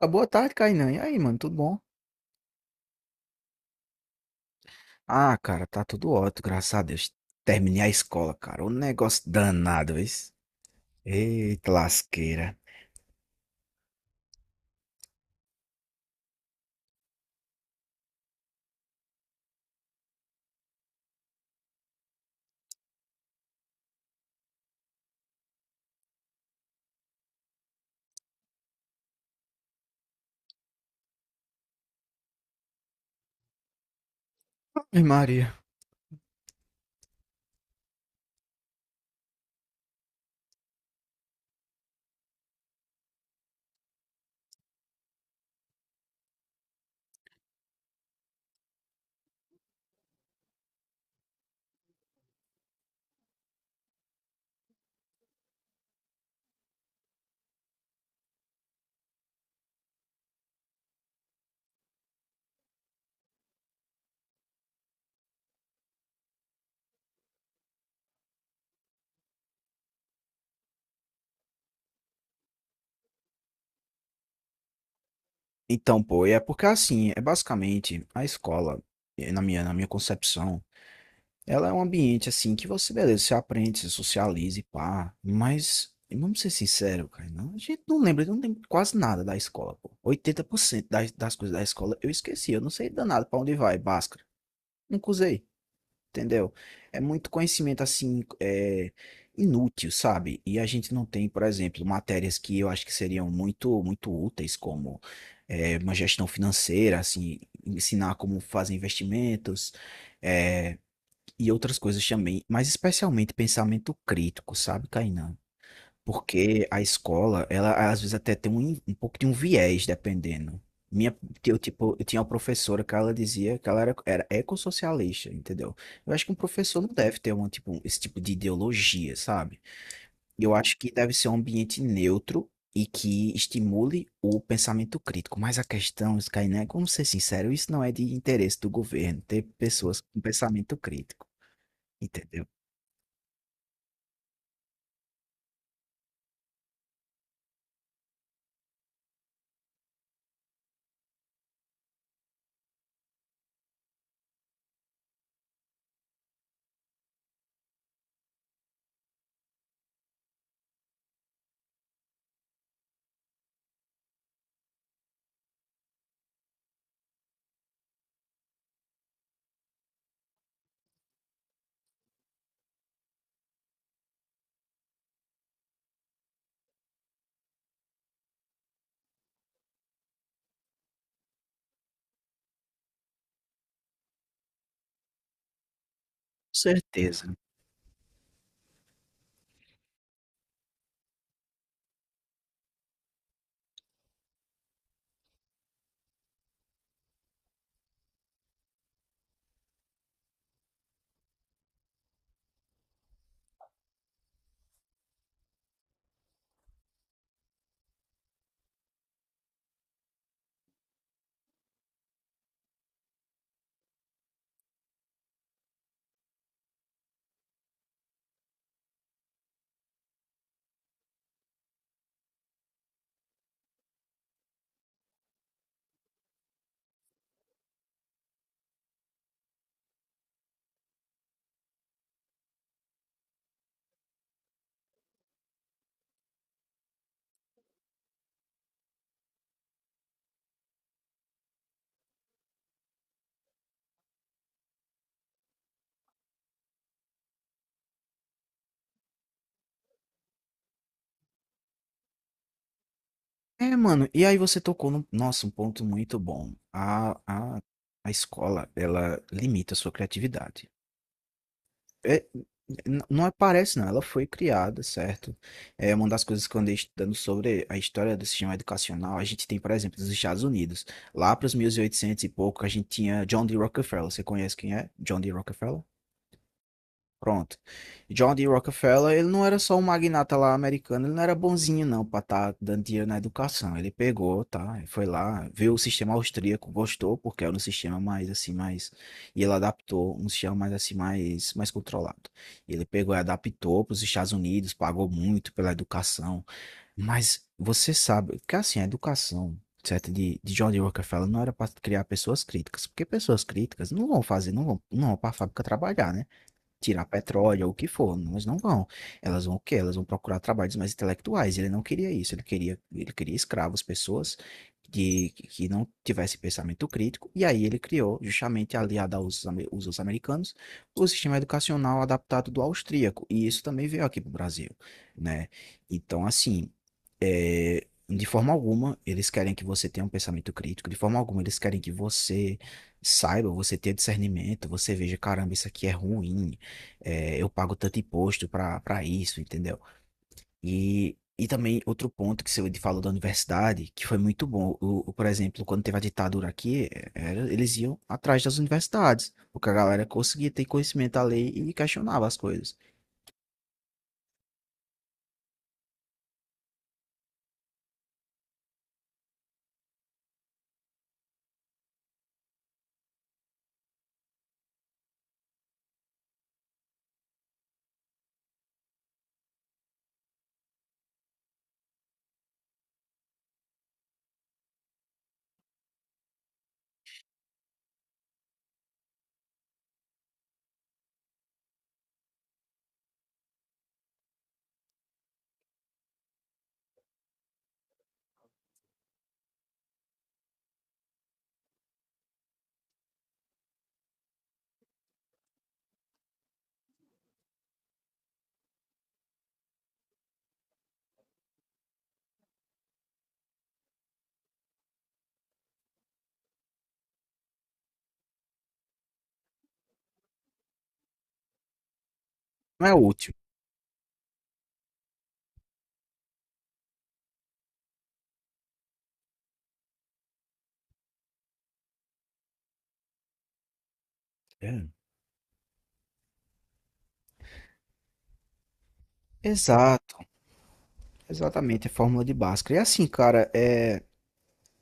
Ah, boa tarde, Kainan. E aí, mano, tudo bom? Ah, cara, tá tudo ótimo, graças a Deus. Terminei a escola, cara. Um negócio danado, isso. Eita, lasqueira. Ave Maria. Então, pô, é porque assim, é basicamente a escola, na minha concepção, ela é um ambiente assim que você, beleza, você aprende, se socializa e pá. Mas, vamos ser sinceros, cara, não, a gente não lembra, não lembra quase nada da escola, pô. 80% das coisas da escola eu esqueci, eu não sei danado pra onde vai, báscara. Nunca usei. Entendeu? É muito conhecimento assim, inútil, sabe? E a gente não tem, por exemplo, matérias que eu acho que seriam muito, muito úteis, como uma gestão financeira, assim, ensinar como fazer investimentos, é, e outras coisas também, mas especialmente pensamento crítico, sabe, Kainan? Porque a escola, ela às vezes até tem um pouco de um viés, dependendo. Minha, eu, tipo, eu tinha uma professora que ela dizia que ela era ecossocialista, entendeu? Eu acho que um professor não deve ter uma, tipo, esse tipo de ideologia, sabe? Eu acho que deve ser um ambiente neutro e que estimule o pensamento crítico. Mas a questão, Skynet, vamos ser sinceros, isso não é de interesse do governo ter pessoas com pensamento crítico, entendeu? Com certeza. É, mano, e aí você tocou no, nossa, um ponto muito bom. A, a escola, ela limita a sua criatividade. É, não aparece, não, ela foi criada, certo? É uma das coisas que eu andei estudando sobre a história do sistema educacional. A gente tem, por exemplo, nos Estados Unidos, lá para os 1800 e pouco, a gente tinha John D. Rockefeller. Você conhece quem é? John D. Rockefeller? Pronto. John D. Rockefeller, ele não era só um magnata lá americano, ele não era bonzinho não para estar dando dinheiro na educação. Ele pegou, tá? Foi lá, viu o sistema austríaco, gostou, porque era um sistema mais assim, mais... E ele adaptou um sistema mais assim, mais, mais controlado. Ele pegou e adaptou para os Estados Unidos, pagou muito pela educação. Mas você sabe que assim, a educação... Certo? De John D. Rockefeller não era para criar pessoas críticas, porque pessoas críticas não vão fazer, não vão para a fábrica trabalhar, né? Tirar petróleo ou o que for, mas não vão. Elas vão o quê? Elas vão procurar trabalhos mais intelectuais. Ele não queria isso, ele queria escravos, pessoas que não tivessem pensamento crítico, e aí ele criou, justamente aliado aos usos americanos, o sistema educacional adaptado do austríaco, e isso também veio aqui para o Brasil, né? Então, assim, é, de forma alguma, eles querem que você tenha um pensamento crítico, de forma alguma, eles querem que você saiba, você tenha discernimento, você veja, caramba, isso aqui é ruim, é, eu pago tanto imposto para isso, entendeu? E também outro ponto que você falou da universidade, que foi muito bom. Por exemplo, quando teve a ditadura aqui, é, eles iam atrás das universidades, porque a galera conseguia ter conhecimento da lei e questionava as coisas. Não é útil. É. Exato, exatamente, é fórmula de Bhaskara. E assim, cara, é.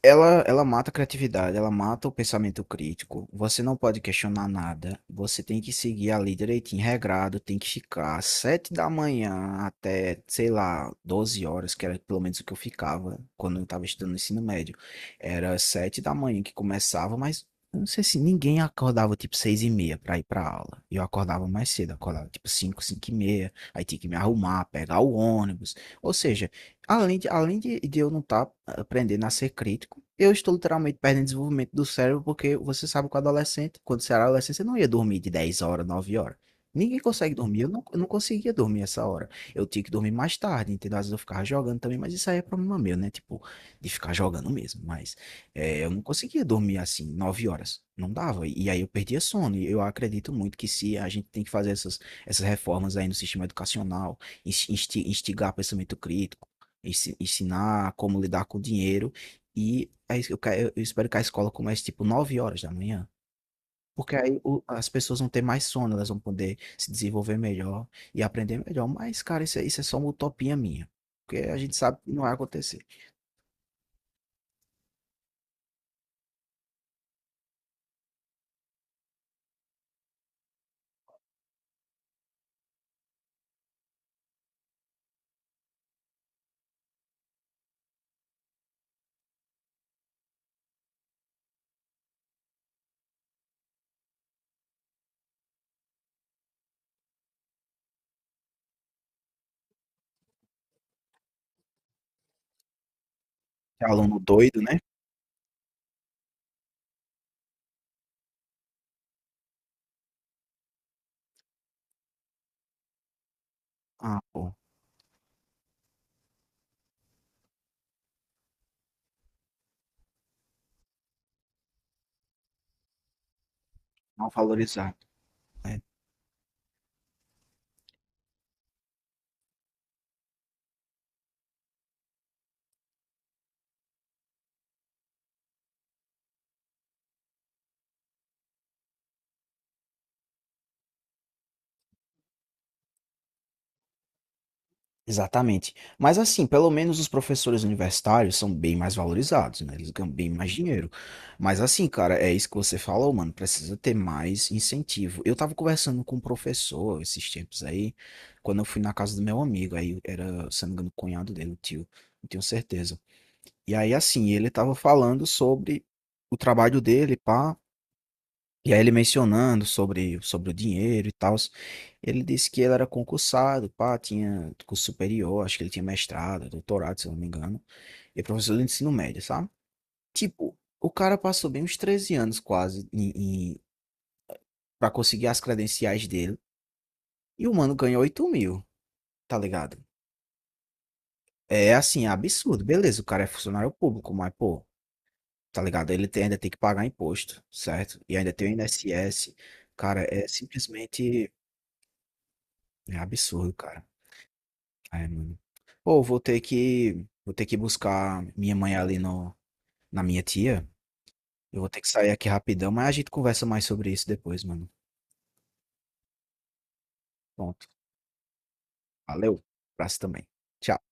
Ela mata a criatividade, ela mata o pensamento crítico. Você não pode questionar nada. Você tem que seguir ali direitinho, regrado. Tem que ficar às 7 da manhã até, sei lá, 12 horas, que era pelo menos o que eu ficava quando eu estava estudando no ensino médio. Era 7 da manhã que começava, mas eu não sei se ninguém acordava tipo 6:30 para ir para aula. Eu acordava mais cedo, acordava tipo 5, 5:30. Aí tinha que me arrumar, pegar o ônibus. Ou seja, além de, além de eu não estar aprendendo a ser crítico, eu estou literalmente perdendo desenvolvimento do cérebro, porque você sabe que o adolescente, quando você era adolescente, você não ia dormir de 10 horas, 9 horas. Ninguém consegue dormir, eu não conseguia dormir essa hora. Eu tinha que dormir mais tarde, entendeu? Às vezes eu ficava jogando também, mas isso aí é problema meu, né? Tipo, de ficar jogando mesmo. Mas é, eu não conseguia dormir assim, 9 horas. Não dava. E aí eu perdia sono. E eu acredito muito que se a gente tem que fazer essas reformas aí no sistema educacional, instigar pensamento crítico, ensinar como lidar com o dinheiro. E aí eu espero que a escola comece tipo 9 horas da manhã. Porque aí as pessoas vão ter mais sono, elas vão poder se desenvolver melhor e aprender melhor. Mas, cara, isso é só uma utopia minha. Porque a gente sabe que não vai acontecer. É aluno doido, né? Ah, pô, não valorizado. É. Exatamente. Mas assim, pelo menos os professores universitários são bem mais valorizados, né? Eles ganham bem mais dinheiro. Mas assim, cara, é isso que você falou, mano. Precisa ter mais incentivo. Eu tava conversando com um professor esses tempos aí, quando eu fui na casa do meu amigo. Aí era, se não me engano, o cunhado dele, o tio. Não tenho certeza. E aí, assim, ele tava falando sobre o trabalho dele, pá. E aí ele mencionando sobre o dinheiro e tal, ele disse que ele era concursado, pá, tinha curso superior, acho que ele tinha mestrado, doutorado, se eu não me engano, e professor de ensino médio, sabe? Tipo, o cara passou bem uns 13 anos quase em, em, pra conseguir as credenciais dele, e o mano ganhou 8 mil, tá ligado? É assim, é absurdo, beleza, o cara é funcionário público, mas pô, tá ligado? Ainda tem que pagar imposto, certo? E ainda tem o INSS, cara, é simplesmente é absurdo, cara. É, mano. Ou vou ter que buscar minha mãe ali no, na minha tia. Eu vou ter que sair aqui rapidão, mas a gente conversa mais sobre isso depois, mano. Pronto. Valeu. Abraço também. Tchau.